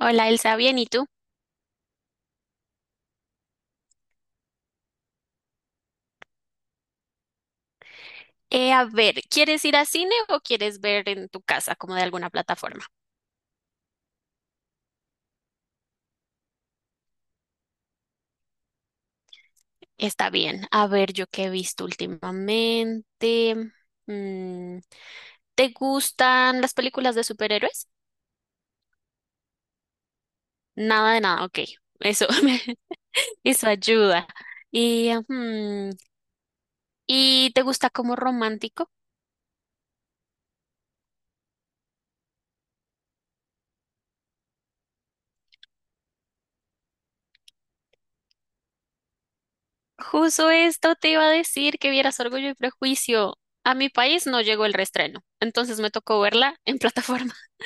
Hola Elsa, bien, ¿y tú? A ver, ¿quieres ir a cine o quieres ver en tu casa como de alguna plataforma? Está bien. A ver, yo qué he visto últimamente. Mm, ¿Te gustan las películas de superhéroes? Nada de nada, ok. Eso, eso ayuda. Y, mm, ¿Y te gusta como romántico? Justo esto te iba a decir que vieras Orgullo y Prejuicio. A mi país no llegó el reestreno, entonces me tocó verla en plataforma.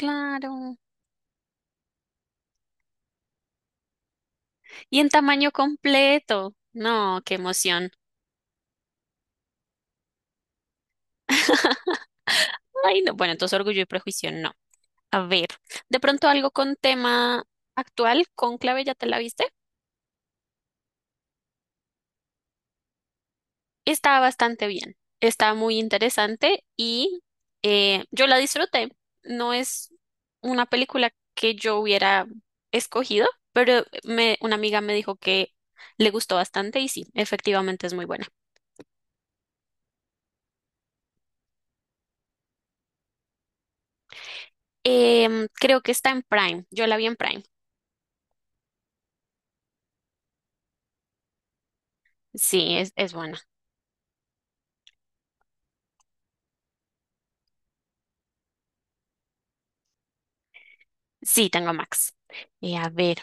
Claro. Y en tamaño completo. No, qué emoción. Ay, no. Bueno, entonces Orgullo y Prejuicio, no. A ver, de pronto algo con tema actual, Cónclave, ¿ya te la viste? Está bastante bien, está muy interesante y yo la disfruté. No es una película que yo hubiera escogido, pero me, una amiga me dijo que le gustó bastante y sí, efectivamente es muy buena. Creo que está en Prime, yo la vi en Prime. Sí, es buena. Sí, tengo Max. A ver,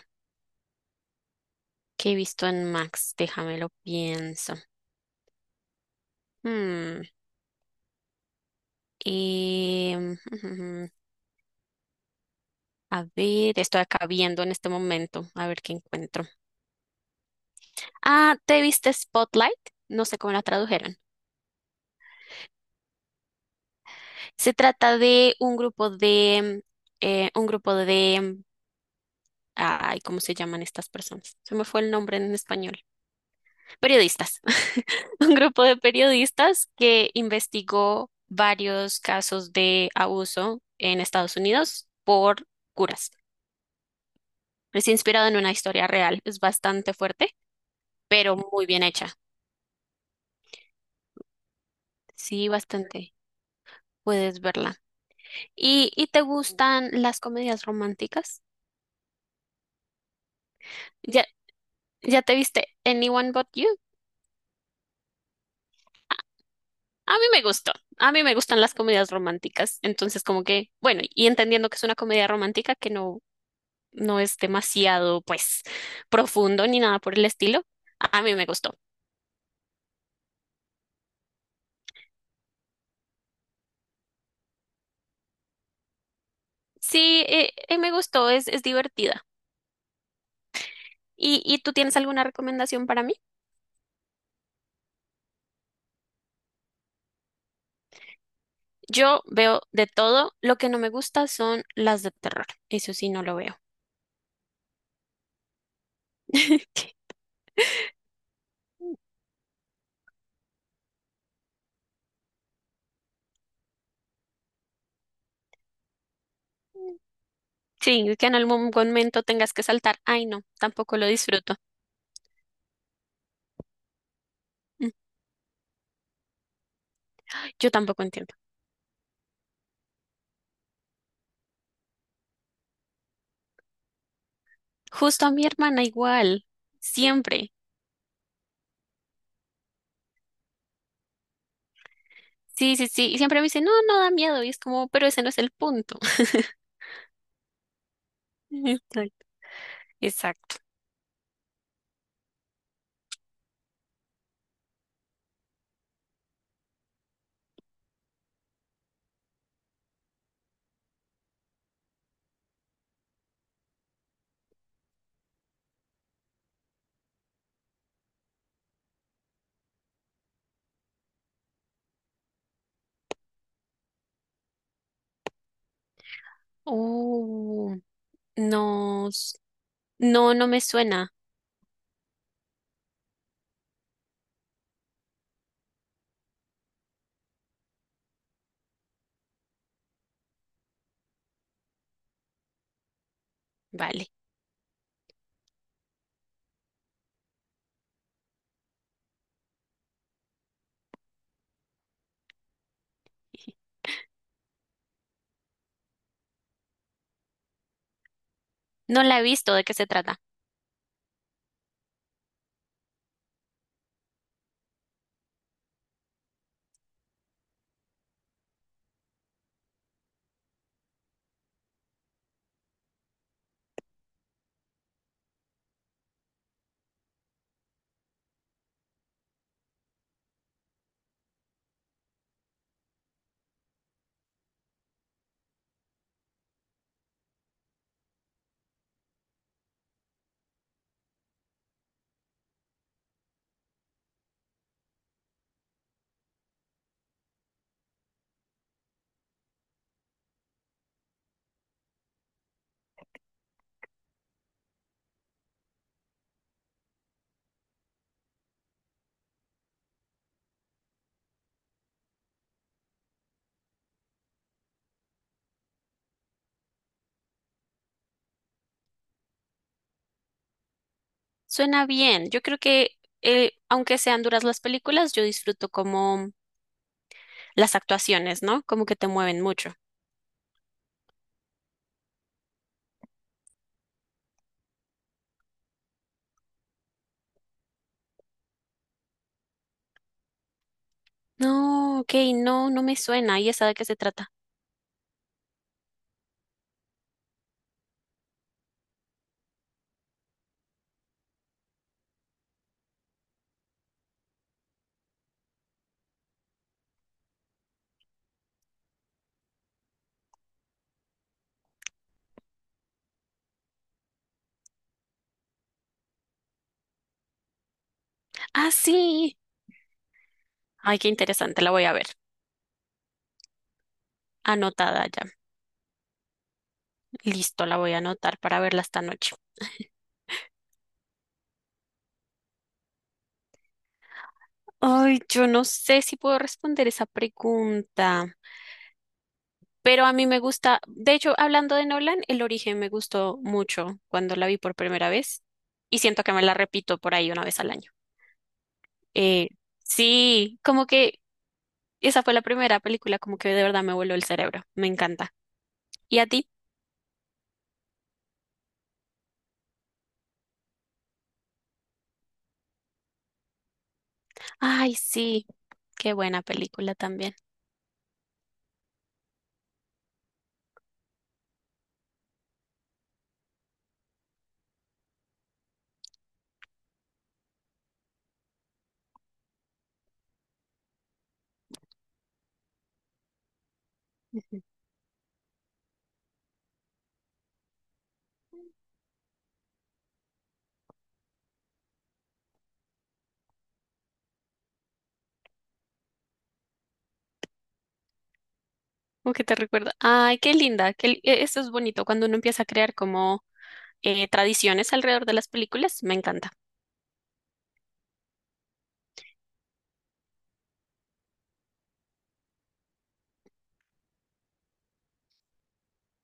¿qué he visto en Max? Déjame lo pienso. Hmm, em, a ver, estoy acá viendo en este momento, a ver qué encuentro. Ah, ¿te viste Spotlight? No sé cómo la tradujeron. Se trata de un grupo de, ay, ¿cómo se llaman estas personas? Se me fue el nombre en español. Periodistas, un grupo de periodistas que investigó varios casos de abuso en Estados Unidos por curas. Es inspirado en una historia real, es bastante fuerte, pero muy bien hecha. Sí, bastante. Puedes verla. ¿Y te gustan las comedias románticas? ¿Ya, ya te viste Anyone But You? A mí me gustó. A mí me gustan las comedias románticas. Entonces, como que, bueno, y entendiendo que es una comedia romántica que no es demasiado, pues, profundo ni nada por el estilo. A mí me gustó. Sí, me gustó, es divertida. ¿Y tú tienes alguna recomendación para mí? Yo veo de todo. Lo que no me gusta son las de terror. Eso sí, no lo veo. Sí, que en algún momento tengas que saltar. Ay, no, tampoco lo disfruto. Mm, Yo tampoco entiendo. Justo a mi hermana igual, siempre. Sí, sí, sí. Y siempre me dice, no, no da miedo. Y es como, pero ese no es el punto. Exacto. Exacto. Uh, no, s- no, no me suena. Vale. No la he visto. ¿De qué se trata? Suena bien. Yo creo que, aunque sean duras las películas, yo disfruto como las actuaciones, ¿no? Como que te mueven mucho. No, ok, no, no me suena. ¿Y esa de qué se trata? Ah, sí. Ay, qué interesante, la voy a ver. Anotada ya. Listo, la voy a anotar para verla esta noche. Ay, yo no sé si puedo responder esa pregunta, pero a mí me gusta, de hecho, hablando de Nolan, El Origen me gustó mucho cuando la vi por primera vez y siento que me la repito por ahí una vez al año. Eh, sí, como que esa fue la primera película, como que de verdad me voló el cerebro. Me encanta. ¿Y a ti? Ay, sí, qué buena película también. ¿Cómo que te recuerda? Ay, qué linda. Qué, eso es bonito cuando uno empieza a crear como tradiciones alrededor de las películas. Me encanta.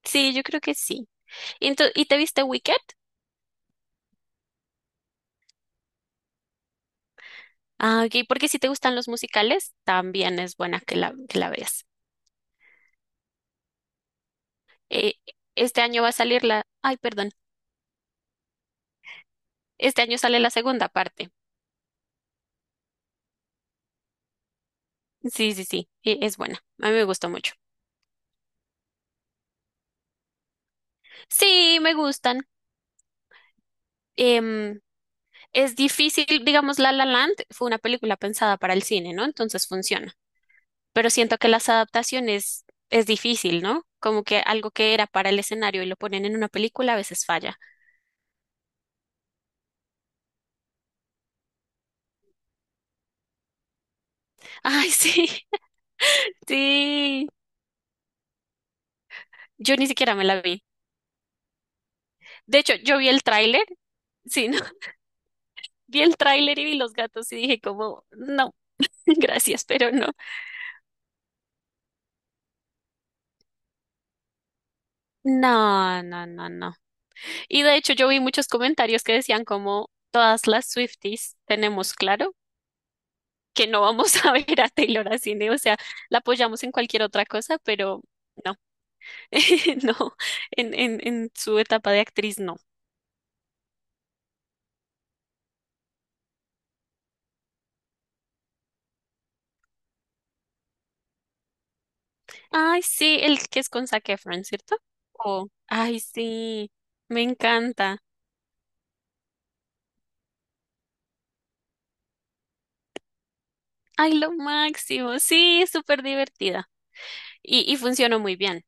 Sí, yo creo que sí. ¿Y te viste Wicked? Ah, ok, porque si te gustan los musicales, también es buena que que la veas. Eh, este año va a salir la... Ay, perdón. Este año sale la segunda parte. Sí, sí, sí, es buena. A mí me gustó mucho. Sí, me gustan. Em, es difícil, digamos, La La Land fue una película pensada para el cine, ¿no? Entonces funciona. Pero siento que las adaptaciones es difícil, ¿no? Como que algo que era para el escenario y lo ponen en una película a veces falla. Ay, sí, sí. Yo ni siquiera me la vi. De hecho, yo vi el tráiler, sí, ¿no? Vi el tráiler y vi los gatos y dije como, no, gracias, pero no. No, no, no, no. Y de hecho yo vi muchos comentarios que decían como todas las Swifties tenemos claro que no vamos a ver a Taylor a cine, o sea, la apoyamos en cualquier otra cosa, pero no, no, en su etapa de actriz no. Ay, sí, el que es con Zac Efron, ¿cierto? Oh, ay, sí, me encanta. Ay, lo máximo, sí, es súper divertida. Y funcionó muy bien.